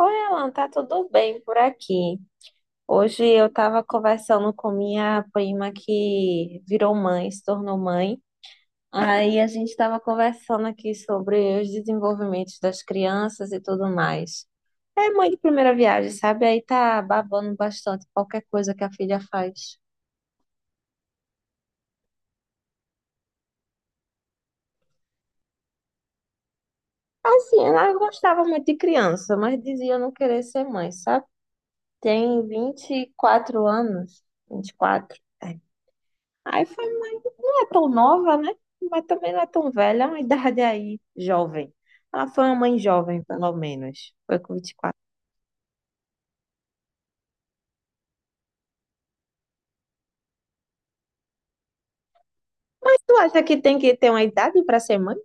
Oi, Alan, tá tudo bem por aqui? Hoje eu estava conversando com minha prima que virou mãe, se tornou mãe. Aí a gente estava conversando aqui sobre os desenvolvimentos das crianças e tudo mais. É mãe de primeira viagem, sabe? Aí tá babando bastante qualquer coisa que a filha faz. Assim, ela gostava muito de criança, mas dizia não querer ser mãe, sabe? Tem 24 anos, 24. É. Aí foi É tão nova, né? Mas também não é tão velha, é uma idade, é aí, jovem. Ela foi uma mãe jovem, pelo menos. Foi com 24. Mas tu acha que tem que ter uma idade para ser mãe?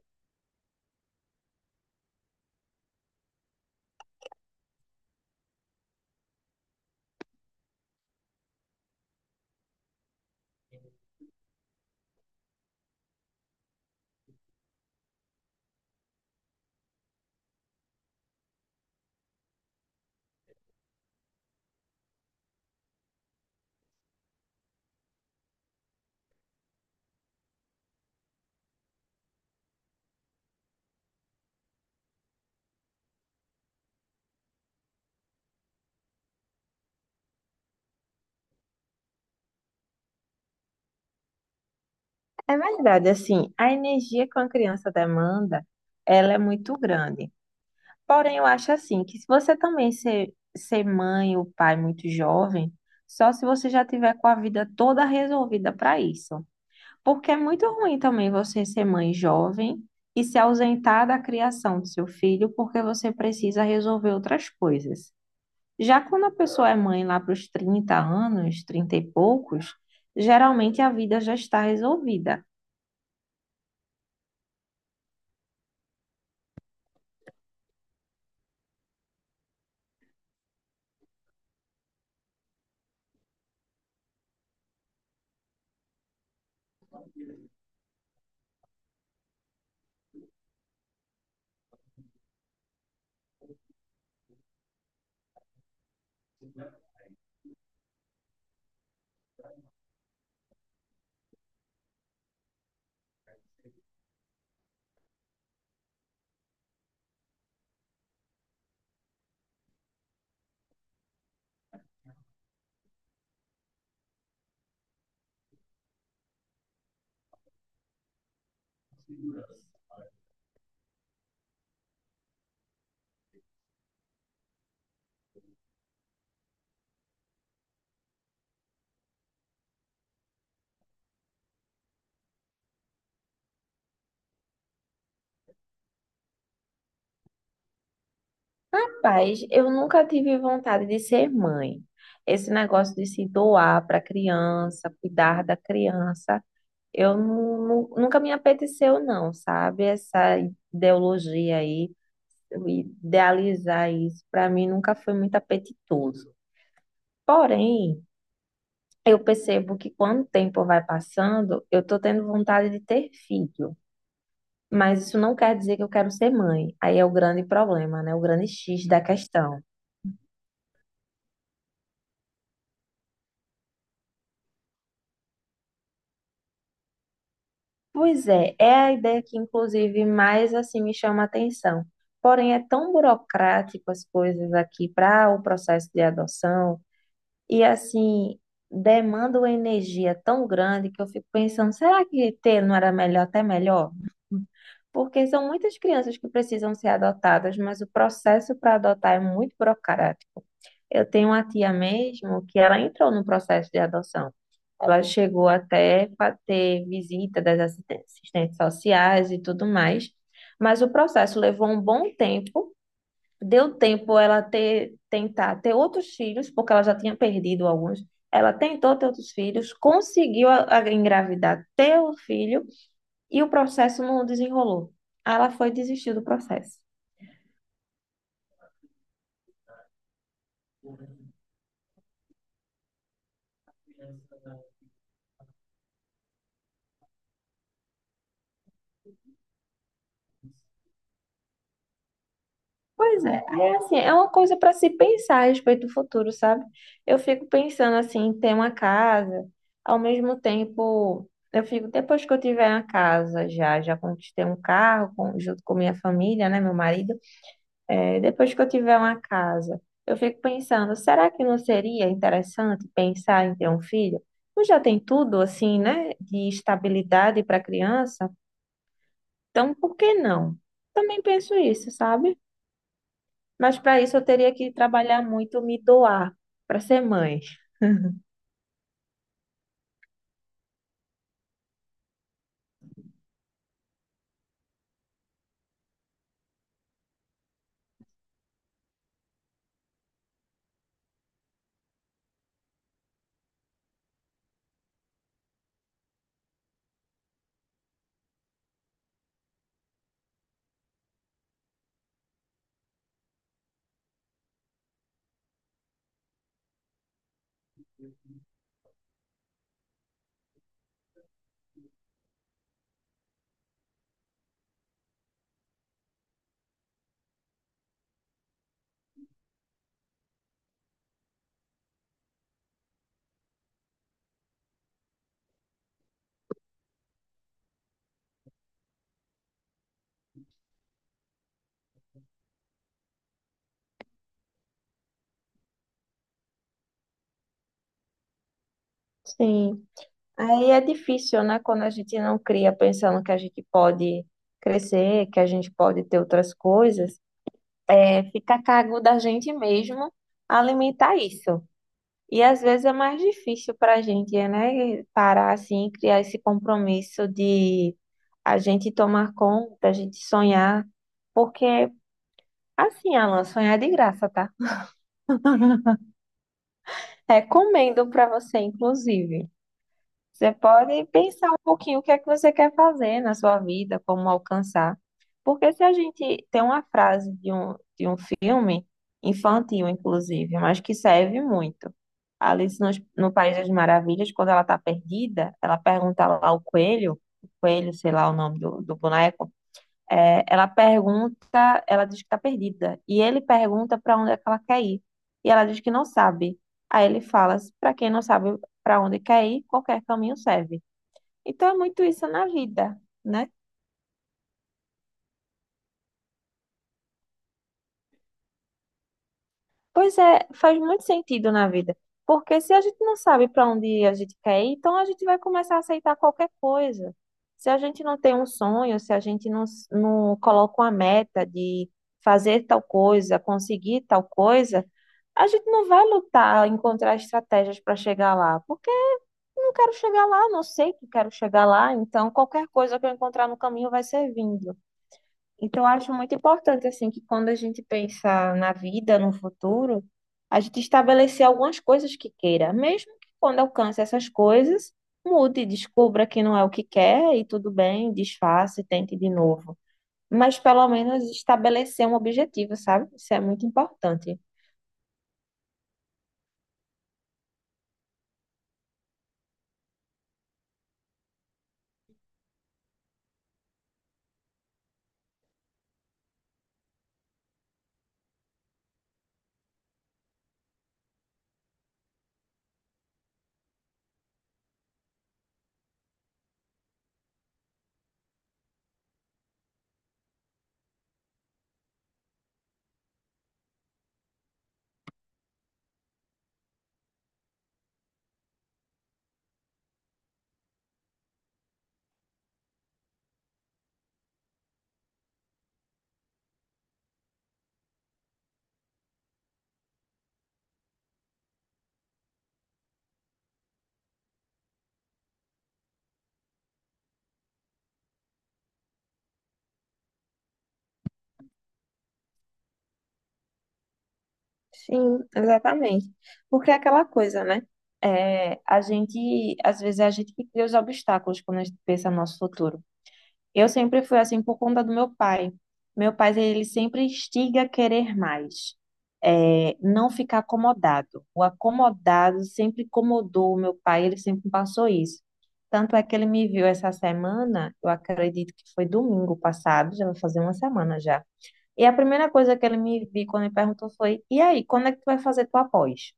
É verdade, assim, a energia que uma criança demanda, ela é muito grande. Porém, eu acho assim, que se você também ser mãe ou pai muito jovem, só se você já tiver com a vida toda resolvida para isso. Porque é muito ruim também você ser mãe jovem e se ausentar da criação do seu filho porque você precisa resolver outras coisas. Já quando a pessoa é mãe lá para os 30 anos, 30 e poucos, geralmente a vida já está resolvida. Rapaz, eu nunca tive vontade de ser mãe. Esse negócio de se doar para a criança, cuidar da criança, eu nunca me apeteceu, não, sabe? Essa ideologia aí, idealizar isso, para mim nunca foi muito apetitoso. Porém, eu percebo que quando o tempo vai passando, eu tô tendo vontade de ter filho. Mas isso não quer dizer que eu quero ser mãe. Aí é o grande problema, né? O grande X da questão. Pois é, é a ideia que, inclusive, mais assim me chama a atenção. Porém, é tão burocrático as coisas aqui para o processo de adoção. E assim, demanda uma energia tão grande que eu fico pensando, será que ter não era melhor, até melhor? Porque são muitas crianças que precisam ser adotadas, mas o processo para adotar é muito burocrático. Eu tenho uma tia mesmo que ela entrou no processo de adoção. Ela chegou até a ter visita das assistentes sociais e tudo mais, mas o processo levou um bom tempo. Deu tempo ela ter, tentar ter outros filhos, porque ela já tinha perdido alguns. Ela tentou ter outros filhos, conseguiu a engravidar, ter o filho, e o processo não desenrolou. Aí ela foi desistir do processo. Pois é, é assim, é uma coisa para se pensar a respeito do futuro, sabe? Eu fico pensando assim, em ter uma casa, ao mesmo tempo, eu fico, depois que eu tiver uma casa já, já conquistei um carro junto com minha família, né, meu marido. É, depois que eu tiver uma casa, eu fico pensando, será que não seria interessante pensar em ter um filho? Tu já tem tudo assim, né, de estabilidade para criança, então por que não? Também penso isso, sabe? Mas para isso eu teria que trabalhar muito, me doar para ser mãe. Sim, aí é difícil, né, quando a gente não cria pensando que a gente pode crescer, que a gente pode ter outras coisas, é, fica a cargo da gente mesmo alimentar isso. E às vezes é mais difícil para a gente, né? Parar assim, criar esse compromisso de a gente tomar conta, a gente sonhar, porque assim, Alan, sonhar é de graça, tá? Recomendo para você, inclusive. Você pode pensar um pouquinho o que é que você quer fazer na sua vida, como alcançar. Porque se a gente tem uma frase de um filme, infantil inclusive, mas que serve muito. Alice no, no País das Maravilhas, quando ela está perdida, ela pergunta lá ao coelho, o coelho, sei lá o nome do boneco, é, ela pergunta, ela diz que está perdida. E ele pergunta para onde é que ela quer ir. E ela diz que não sabe. Aí ele fala: para quem não sabe para onde quer ir, qualquer caminho serve. Então é muito isso na vida, né? Pois é, faz muito sentido na vida. Porque se a gente não sabe para onde a gente quer ir, então a gente vai começar a aceitar qualquer coisa. Se a gente não tem um sonho, se a gente não, não coloca uma meta de fazer tal coisa, conseguir tal coisa, a gente não vai lutar, encontrar estratégias para chegar lá. Porque não quero chegar lá, não sei que quero chegar lá, então qualquer coisa que eu encontrar no caminho vai servindo. Então, eu acho muito importante, assim, que quando a gente pensa na vida, no futuro, a gente estabelecer algumas coisas que queira, mesmo que quando alcance essas coisas, mude, descubra que não é o que quer e tudo bem, desfaça e tente de novo. Mas pelo menos estabelecer um objetivo, sabe? Isso é muito importante. Sim, exatamente. Porque é aquela coisa, né? É, a gente, às vezes, é a gente que cria os obstáculos quando a gente pensa no nosso futuro. Eu sempre fui assim por conta do meu pai. Meu pai, ele sempre instiga a querer mais. É, não ficar acomodado. O acomodado sempre incomodou o meu pai, ele sempre passou isso. Tanto é que ele me viu essa semana, eu acredito que foi domingo passado, já vai fazer uma semana já. E a primeira coisa que ele me viu quando ele perguntou foi: e aí, quando é que tu vai fazer tua pós?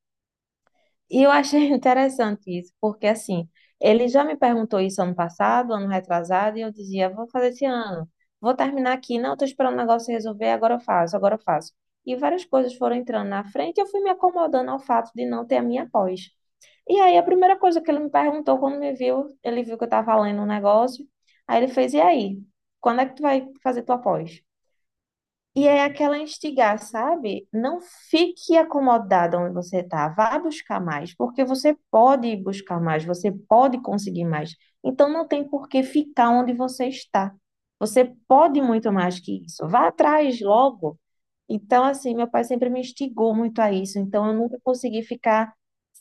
E eu achei interessante isso, porque assim, ele já me perguntou isso ano passado, ano retrasado, e eu dizia, vou fazer esse ano, vou terminar aqui, não, estou esperando o negócio se resolver, agora eu faço, agora eu faço. E várias coisas foram entrando na frente, e eu fui me acomodando ao fato de não ter a minha pós. E aí, a primeira coisa que ele me perguntou quando me viu, ele viu que eu estava lendo um negócio, aí ele fez, e aí, quando é que tu vai fazer tua pós? E é aquela instigar, sabe? Não fique acomodada onde você está. Vá buscar mais, porque você pode buscar mais, você pode conseguir mais. Então não tem por que ficar onde você está. Você pode muito mais que isso. Vá atrás logo. Então, assim, meu pai sempre me instigou muito a isso. Então, eu nunca consegui ficar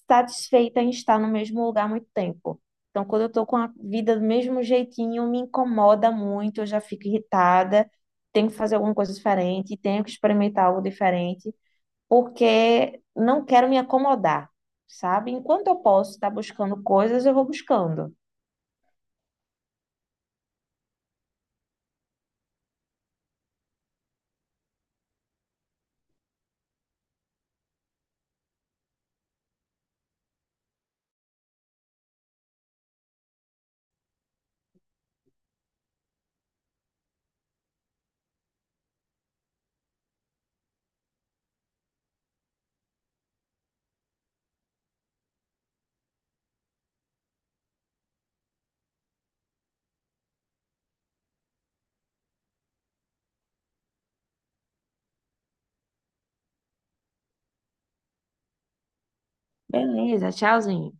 satisfeita em estar no mesmo lugar há muito tempo. Então, quando eu estou com a vida do mesmo jeitinho, me incomoda muito, eu já fico irritada, tenho que fazer alguma coisa diferente, tenho que experimentar algo diferente, porque não quero me acomodar, sabe? Enquanto eu posso estar buscando coisas, eu vou buscando. Beleza, tchauzinho.